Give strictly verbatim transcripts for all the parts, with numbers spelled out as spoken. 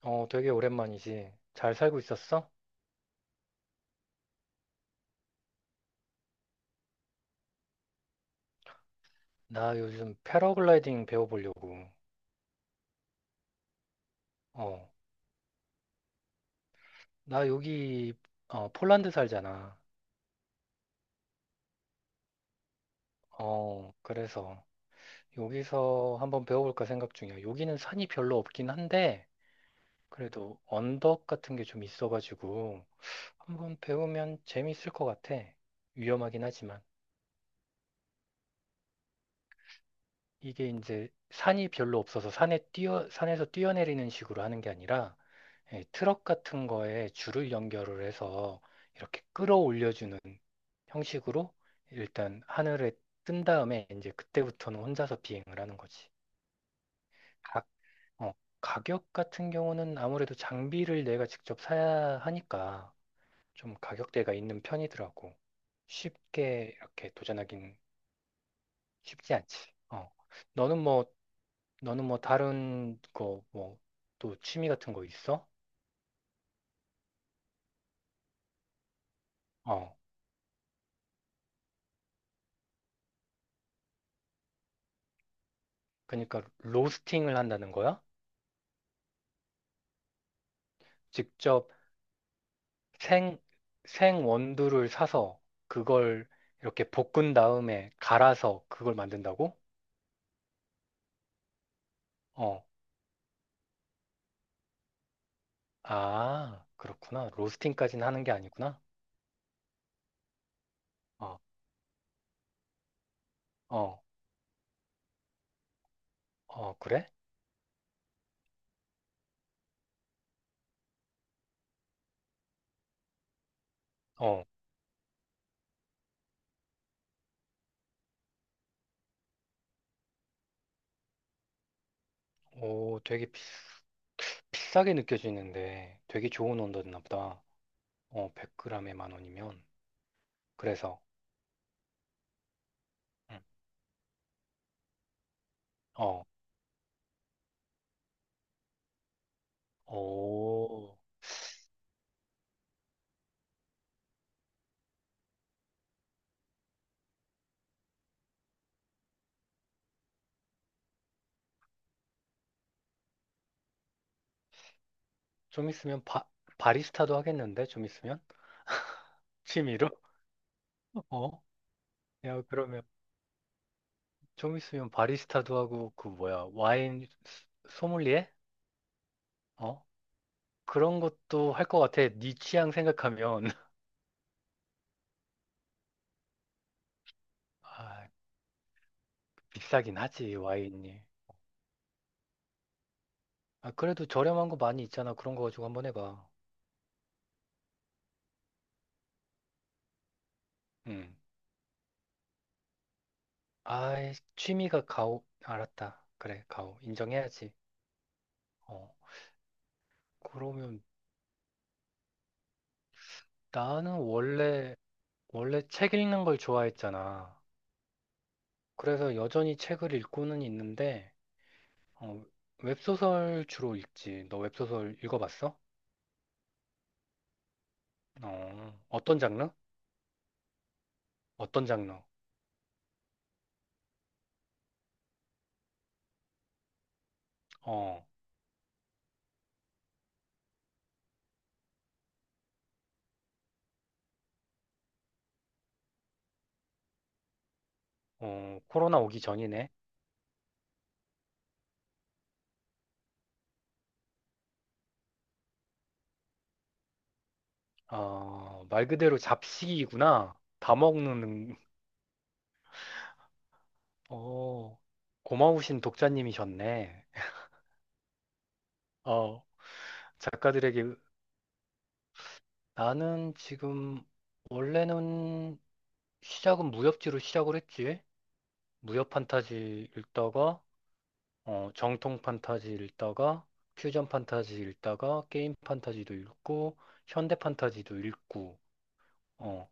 어, 되게 오랜만이지. 잘 살고 있었어? 나 요즘 패러글라이딩 배워보려고. 어, 나 여기, 어, 폴란드 살잖아. 어, 그래서 여기서 한번 배워볼까 생각 중이야. 여기는 산이 별로 없긴 한데, 그래도 언덕 같은 게 좀 있어가지고, 한번 배우면 재밌을 것 같아. 위험하긴 하지만. 이게 이제 산이 별로 없어서 산에 뛰어, 산에서 뛰어내리는 식으로 하는 게 아니라, 예, 트럭 같은 거에 줄을 연결을 해서 이렇게 끌어올려주는 형식으로 일단 하늘에 뜬 다음에 이제 그때부터는 혼자서 비행을 하는 거지. 가 어, 가격 같은 경우는 아무래도 장비를 내가 직접 사야 하니까 좀 가격대가 있는 편이더라고. 쉽게 이렇게 도전하긴 쉽지 않지. 어. 너는 뭐, 너는 뭐 다른 거, 뭐, 또 취미 같은 거 있어? 어. 그러니까 로스팅을 한다는 거야? 직접 생, 생 원두를 사서 그걸 이렇게 볶은 다음에 갈아서 그걸 만든다고? 어, 아, 그렇구나. 로스팅까지는 하는 게 아니구나. 어, 어, 어, 그래? 어, 오, 되게 비, 비싸게 느껴지는데 되게 좋은 원두였나 보다. 어, 백 그램에 만 원이면. 그래서, 음, 어, 오, 좀 있으면 바, 바리스타도 하겠는데? 좀 있으면? 취미로? 어, 야, 그러면. 좀 있으면 바리스타도 하고 그 뭐야 와인 소- 소믈리에? 어? 그런 것도 할 것 같아. 네 취향 생각하면 아, 비싸긴 하지 와인이. 아, 그래도 저렴한 거 많이 있잖아. 그런 거 가지고 한번 해봐. 음. 아, 취미가 가오. 알았다. 그래, 가오. 인정해야지. 어. 그러면 나는 원래 원래 책 읽는 걸 좋아했잖아. 그래서 여전히 책을 읽고는 있는데 어, 웹소설 주로 읽지. 너 웹소설 읽어봤어? 어, 어떤 장르? 어떤 장르? 어, 어, 코로나 오기 전이네. 어, 말 그대로 잡식이구나. 다 먹는, 음, 어, 고마우신 독자님이셨네. 어, 작가들에게 나는 지금 원래는 시작은 무협지로 시작을 했지. 무협 판타지 읽다가, 어, 정통 판타지 읽다가, 퓨전 판타지 읽다가, 게임 판타지도 읽고, 현대 판타지도 읽고, 어,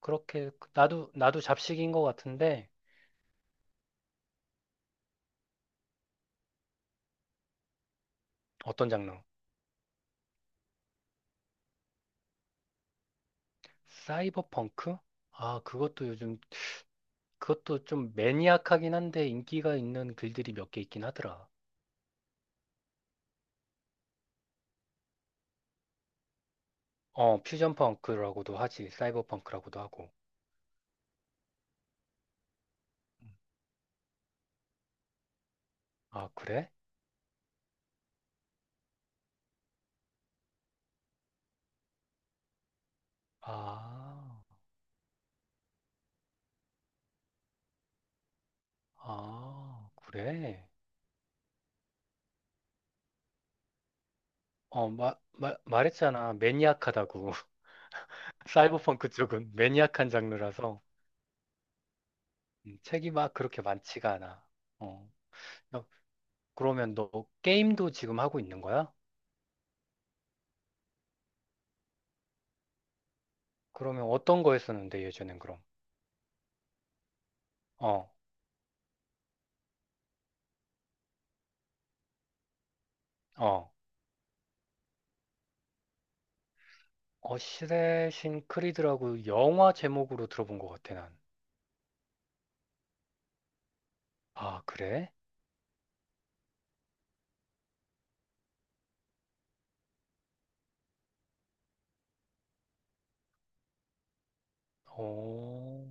그렇게 그 나도 나도 잡식인 것 같은데 어떤 장르? 사이버펑크? 아, 그것도 요즘 그것도 좀 매니악하긴 한데 인기가 있는 글들이 몇 개 있긴 하더라. 어, 퓨전 펑크라고도 하지. 사이버펑크라고도 하고. 아, 그래? 아, 아, 그래? 어, 마, 마, 말했잖아. 매니악하다고. 사이버펑크 쪽은 매니악한 장르라서 음, 책이 막 그렇게 많지가 않아. 어. 야, 그러면 너 게임도 지금 하고 있는 거야? 그러면 어떤 거 했었는데 예전엔 그럼? 어, 어. 어시레신 크리드라고 영화 제목으로 들어본 것 같아 난. 아, 그래? 어,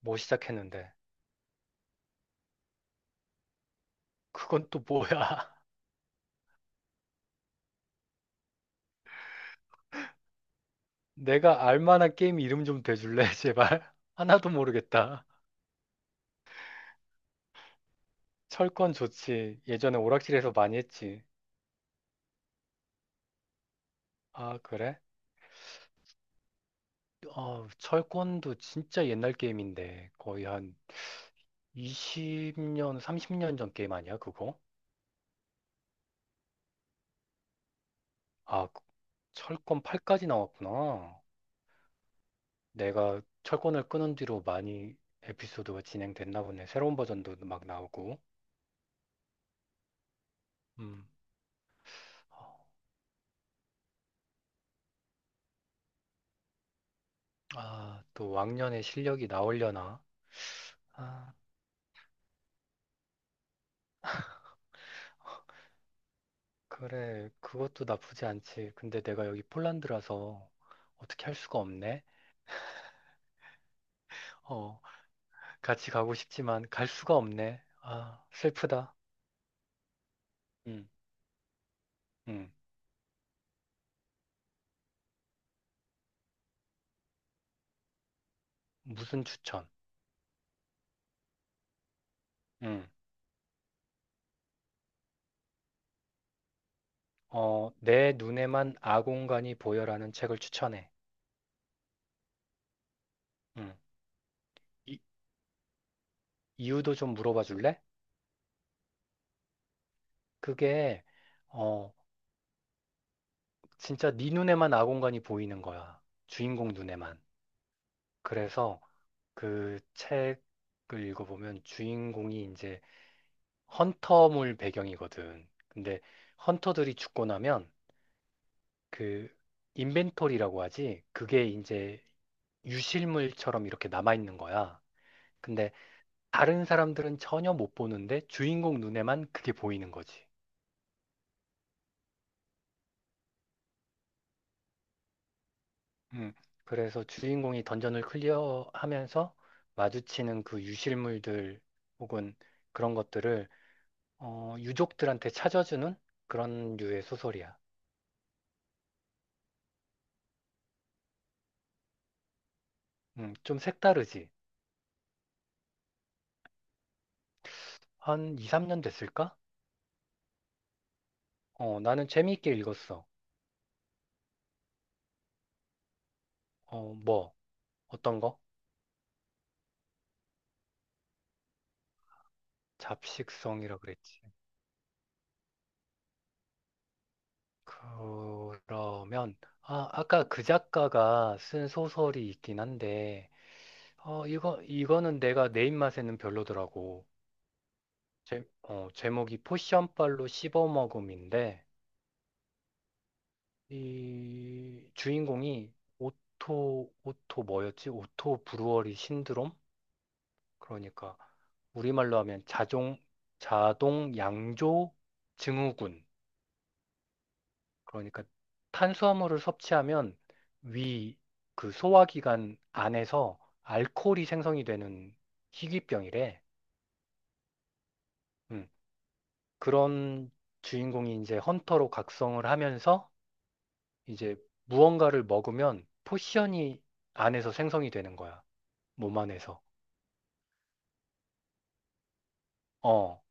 뭐 시작했는데. 그건 또 뭐야? 내가 알 만한 게임 이름 좀 대줄래, 제발? 하나도 모르겠다. 철권 좋지. 예전에 오락실에서 많이 했지. 아, 그래? 어, 철권도 진짜 옛날 게임인데. 거의 한 이십 년, 삼십 년 전 게임 아니야, 그거? 아, 그- 철권 팔까지 나왔구나. 내가 철권을 끊은 뒤로 많이 에피소드가 진행됐나 보네. 새로운 버전도 막 나오고. 음. 아, 또 왕년의 실력이 나오려나? 아, 그래. 그것도 나쁘지 않지. 근데 내가 여기 폴란드라서 어떻게 할 수가 없네. 어, 같이 가고 싶지만 갈 수가 없네. 아, 슬프다. 음, 음. 무슨 추천? 음. 어, 내 눈에만 아공간이 보여라는 책을 추천해. 음. 이, 이유도 좀 물어봐 줄래? 그게 어 진짜 네 눈에만 아공간이 보이는 거야. 주인공 눈에만. 그래서 그 책을 읽어보면 주인공이 이제 헌터물 배경이거든. 근데 헌터들이 죽고 나면 그 인벤토리라고 하지. 그게 이제 유실물처럼 이렇게 남아있는 거야. 근데 다른 사람들은 전혀 못 보는데 주인공 눈에만 그게 보이는 거지. 음, 그래서 주인공이 던전을 클리어하면서 마주치는 그 유실물들 혹은 그런 것들을 어, 유족들한테 찾아주는 그런 류의 소설이야. 음, 좀 색다르지. 한 이, 삼 년 됐을까? 어, 나는 재미있게 읽었어. 어, 뭐, 어떤 거? 잡식성이라 그랬지. 그러면, 아, 아까 그 작가가 쓴 소설이 있긴 한데, 어, 이거, 이거는 내가 내 입맛에는 별로더라고. 제, 어, 제목이 포션빨로 씹어먹음인데 이 주인공이 오토 오토 뭐였지? 오토 브루어리 신드롬? 그러니까 우리말로 하면 자동 자동 양조 증후군. 그러니까 탄수화물을 섭취하면 위 그 소화기관 안에서 알코올이 생성이 되는 희귀병이래. 음, 그런 주인공이 이제 헌터로 각성을 하면서 이제 무언가를 먹으면 포션이 안에서 생성이 되는 거야. 몸 안에서. 어.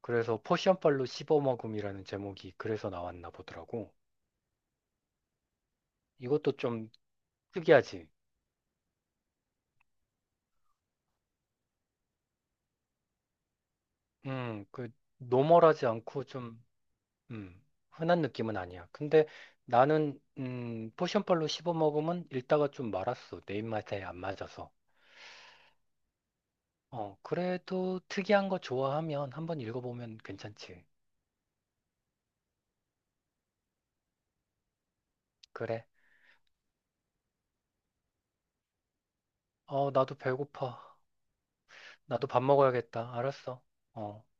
그래서 포션빨로 씹어먹음이라는 제목이 그래서 나왔나 보더라고. 이것도 좀 특이하지. 음, 그 노멀하지 않고 좀 음, 흔한 느낌은 아니야. 근데 나는 음, 포션빨로 씹어먹으면 읽다가 좀 말았어. 내 입맛에 안 맞아서. 어, 그래도 특이한 거 좋아하면 한번 읽어보면 괜찮지. 그래. 어, 나도 배고파. 나도 밥 먹어야겠다. 알았어. 어.